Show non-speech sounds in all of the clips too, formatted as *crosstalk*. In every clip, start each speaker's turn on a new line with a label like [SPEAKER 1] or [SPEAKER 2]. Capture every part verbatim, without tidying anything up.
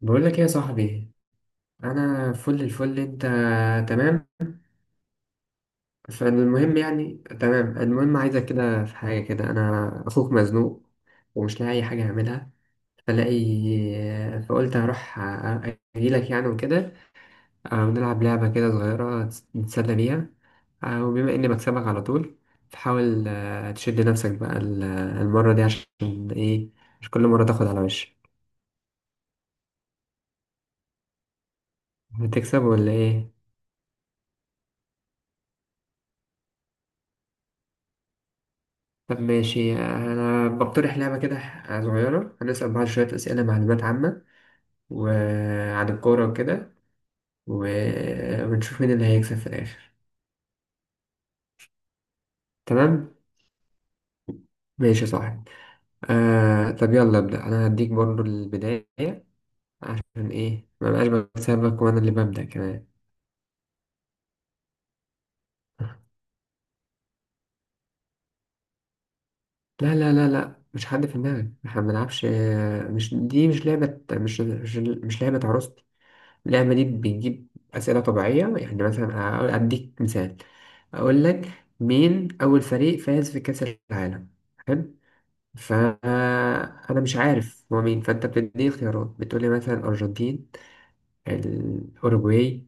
[SPEAKER 1] بقول لك ايه يا صاحبي؟ انا فل الفل. انت تمام؟ فالمهم يعني تمام. المهم عايزك كده في حاجه كده، انا اخوك مزنوق ومش لاقي اي حاجه اعملها، فلاقي، فقلت هروح اجيلك يعني وكده. آه، ونلعب لعبه كده صغيره نتسلى بيها. آه، وبما اني بكسبك على طول، فحاول آه، تشد نفسك بقى ال- المره دي. عشان ايه مش كل مره تاخد على وشك؟ هتكسب ولا ايه؟ طب ماشي، أنا بقترح لعبة كده صغيرة. هنسأل بعض شوية أسئلة معلومات عامة وعن الكورة وكده، و... ونشوف مين اللي هيكسب في الآخر. تمام؟ ماشي يا صاحبي. آه... طب يلا أبدأ أنا، هديك برضو البداية. عشان إيه ما بقاش بكسبك وأنا اللي ببدأ كمان؟ *laughs* لا لا لا لا، مش حد في دماغك، احنا ما بنلعبش. آه، مش دي مش لعبة، مش مش, مش, لعبة عروستي. اللعبة دي بتجيب أسئلة طبيعية. يعني مثلا أقول- أديك مثال. أقول لك مين أول فريق فاز في كأس العالم؟ حلو. فأنا مش عارف هو مين، فأنت بتديني خيارات، بتقولي مثلا الأرجنتين، الأوروجواي،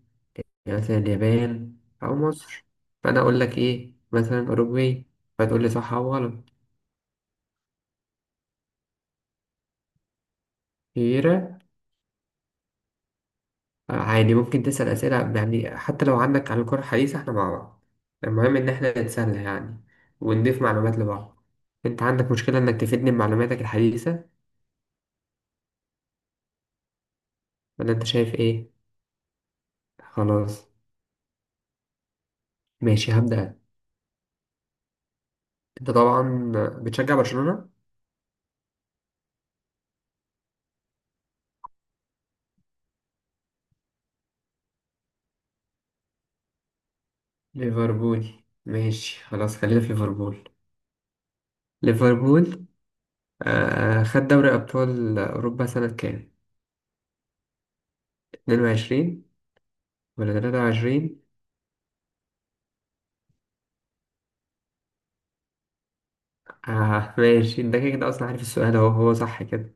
[SPEAKER 1] مثلا اليابان، أو مصر. فأنا أقول لك إيه، مثلا أوروجواي، فتقول لي صح أو غلط. عادي، ممكن تسأل أسئلة يعني حتى لو عندك عن الكرة الحديثة، احنا مع بعض. المهم إن احنا نتسلى يعني، ونضيف معلومات لبعض. أنت عندك مشكلة إنك تفيدني بمعلوماتك الحديثة ولا أنت شايف إيه؟ خلاص ماشي، هبدأ. أنت طبعا بتشجع برشلونة؟ ليفربول. ماشي خلاص، خلينا في ليفربول. ليفربول آه، خد دوري أبطال أوروبا سنة كام؟ اتنين وعشرين ولا تلاتة وعشرين؟ آه ماشي، أنت كده كده أصلا عارف السؤال أهو، هو صح كده.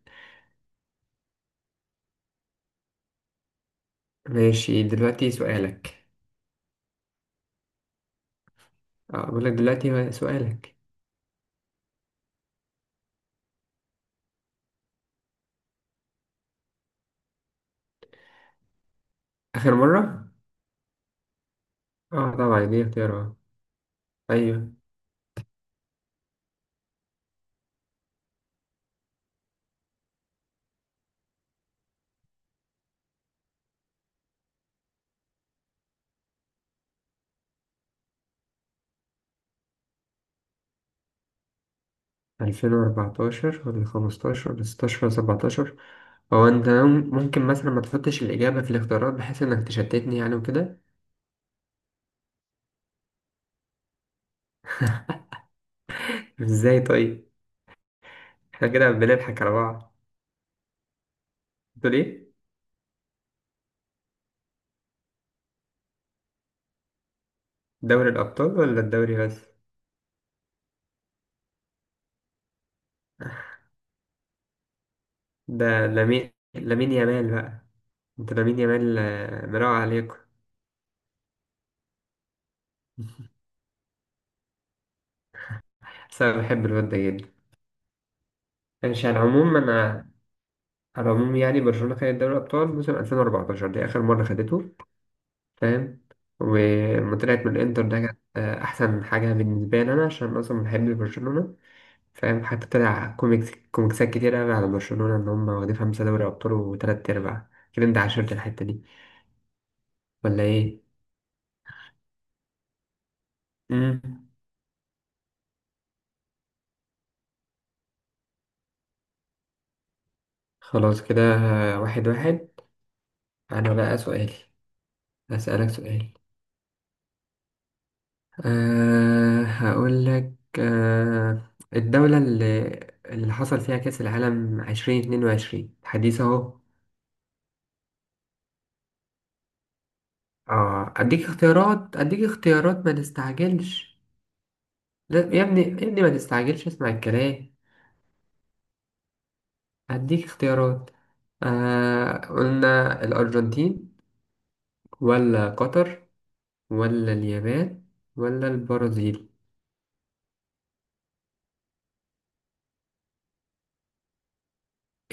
[SPEAKER 1] ماشي دلوقتي سؤالك. اه، بقول لك دلوقتي سؤالك. آخر مرة. اه طبعا دي اختيارات، ايوه. ألفين وأربعتاشر ولا خمستاشر ولا ستاشر ولا سبعتاشر؟ هو انت ممكن مثلا ما تحطش الإجابة في الاختيارات بحيث انك تشتتني يعني وكده؟ ازاي طيب؟ احنا كده بنضحك على بعض. تقول ايه؟ دوري الأبطال ولا الدوري بس؟ ده لامين لامين يامال بقى. انت لامين يامال آه، مراوغ عليكم. بس انا بحب الواد ده جدا. ماشي على العموم انا، على العموم يعني برشلونة خدت دوري الأبطال موسم ألفين وأربعتاشر، دي آخر مرة خدته. فاهم؟ ولما طلعت من الإنتر ده كانت آه، أحسن حاجة بالنسبة لي أنا، عشان أصلا بحب برشلونة. فاهم؟ حتى طلع كوميكس كوميكسات كتير أوي على برشلونة إن هم واخدين خمسة دوري أبطال وتلات أرباع كده. أنت عاشرت الحتة دي ولا إيه؟ مم. خلاص كده آه، واحد واحد. أنا بقى سؤالي، أسألك سؤال. أه هقول لك. أه الدولة اللي, اللي حصل فيها كأس العالم عشرين اتنين وعشرين، حديث أهو. اه أديك اختيارات، أديك اختيارات، ما تستعجلش. لا يا ابني، يا ابني ما تستعجلش، اسمع الكلام. أديك اختيارات. أه، قلنا الأرجنتين، ولا قطر، ولا اليابان، ولا البرازيل.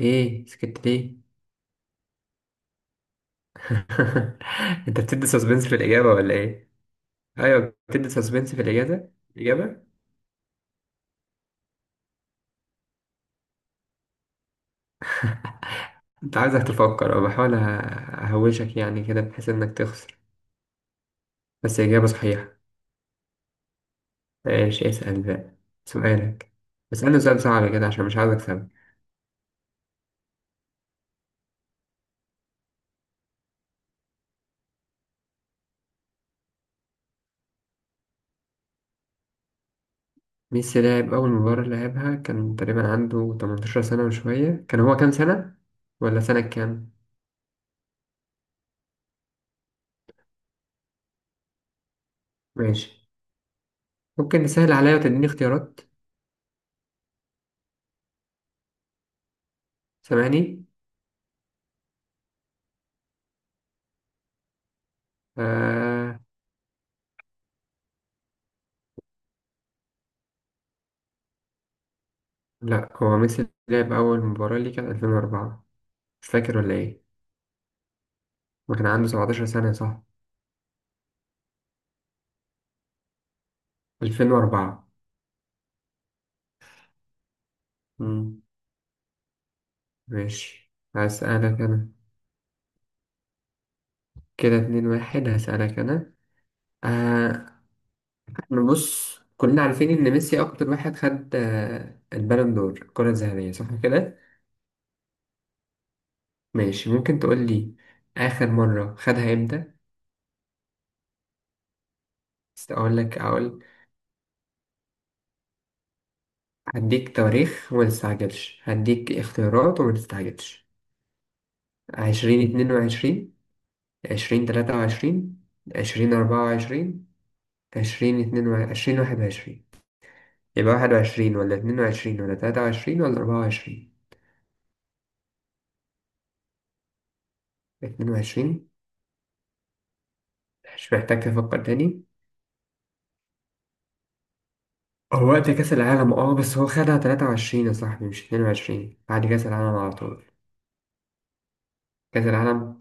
[SPEAKER 1] ايه سكت ليه؟ *laughs* انت بتدي سسبنس في الإجابة ولا ايه؟ ايوه، بتدي سسبنس في الإجابة، الإجابة. انت عايزك تفكر، أو بحاول أه- اهوشك يعني كده بحيث انك تخسر. بس اجابة صحيحة. ايش، اسأل بقى سؤالك. اسألني سؤال صعب كده عشان مش عايز اكسبك. ميسي لعب اول مباراة لعبها كان تقريبا عنده 18 سنة وشوية. كان هو كام سنة، ولا سنة كام؟ ماشي، ممكن تسهل عليا وتديني اختيارات. سامعني. آه... لا، هو ميسي لعب اول مباراة ليه كانت ألفين وأربعة. مش فاكر ولا ايه؟ وكان عنده 17 سنة، صح؟ ألفين وأربعة. ماشي هسألك أنا، كده اتنين واحد. هسألك أنا آه. احنا بص كلنا عارفين إن ميسي أكتر واحد خد آه البالون دور، الكرة الذهبية، صح كده؟ ماشي، ممكن تقول لي آخر مرة خدها إمتى؟ است- أقول لك أقول. هديك تواريخ وما تستعجلش، هديك اختيارات وما تستعجلش. عشرين اتنين وعشرين، عشرين تلاتة وعشرين، عشرين أربعة وعشرين، عشرين اتنين وعشرين، عشرين واحد وعشرين. يبقى واحد وعشرين ولا اتنين وعشرين ولا تلاتة وعشرين ولا أربعة وعشرين؟ اتنين وعشرين. مش محتاج أفكر تاني. هو وقت كأس العالم اه، بس هو خدها تلاتة وعشرين يا صاحبي مش اتنين وعشرين، بعد كأس العالم على طول. كأس العالم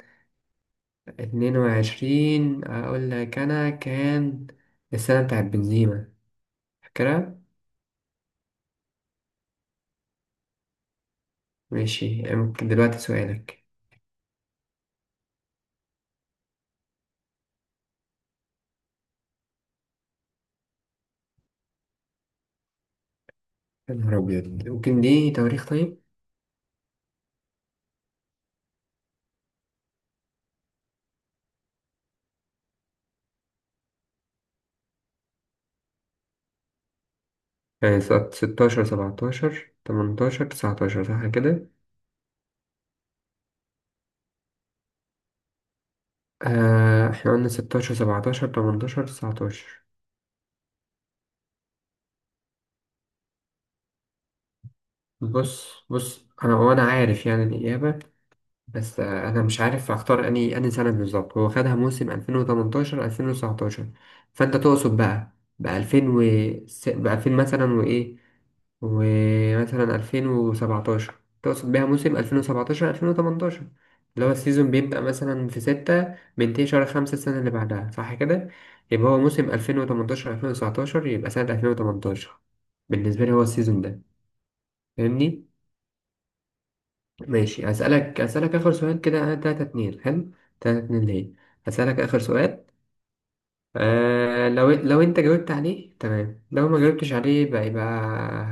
[SPEAKER 1] اتنين وعشرين أقول لك أنا، كان السنة بتاعت بنزيما، فاكرها؟ ماشي، ممكن دلوقتي سؤالك. يا نهار أبيض، ممكن دي تواريخ طيب؟ يعني سنة ستة عشر، سبعة عشر، تمنتاشر، تسعة عشر، صح كده؟ آه احنا قلنا ستاشر، سبعتاشر، تمنتاشر، تسعتاشر. بص بص أنا، وأنا عارف يعني الإجابة، بس آه، انا مش عارف اختار اني اني سنه بالظبط. هو خدها موسم ألفين وتمنتاشر، ألفين وتسعتاشر. فانت تقصد بقى ب ألفين و ب ألفين مثلا وايه، ومثلا ألفين وسبعتاشر؟ تقصد بيها موسم ألفين وسبعتاشر، ألفين وتمنتاشر، اللي هو السيزون بيبدأ مثلا في ستة بينتهي شهر خمسة السنة اللي بعدها، صح كده؟ يبقى هو موسم ألفين وتمنتاشر، ألفين وتسعتاشر، يبقى سنة ألفين وتمنتاشر بالنسبة لي هو السيزون ده. فاهمني؟ ماشي، هسألك هسألك آخر سؤال كده. آه، تلاتة اتنين، حلو. تلاتة اتنين ليه؟ هسألك آخر سؤال. آه لو لو أنت جاوبت عليه تمام، لو ما جاوبتش عليه بقى يبقى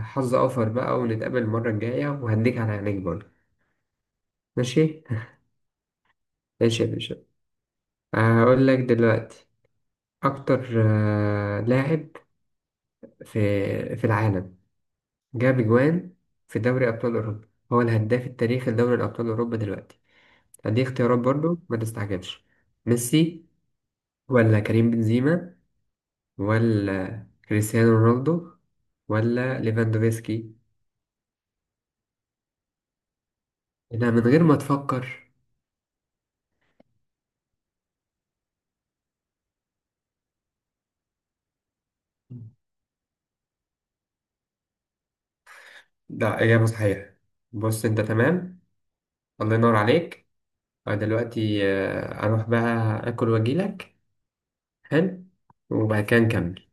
[SPEAKER 1] حظ أوفر بقى، ونتقابل المرة الجاية وهديك على عينيك برضه. ماشي. ماشي يا باشا. هقول لك دلوقتي. أكتر آه لاعب في في العالم جاب أجوان في دوري أبطال أوروبا، هو الهداف التاريخي لدوري أبطال أوروبا دلوقتي. هديك اختيارات برضه، ما تستعجلش. ميسي، ولا كريم بنزيما، ولا كريستيانو رونالدو، ولا ليفاندوفسكي. لا من غير ما تفكر. ده إجابة صحيحة. بص أنت تمام. الله ينور عليك. أنا دلوقتي آه، أروح بقى أكل وأجيلك. حلو. وبعد كده نكمل.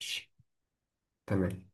[SPEAKER 1] ماشي. تمام.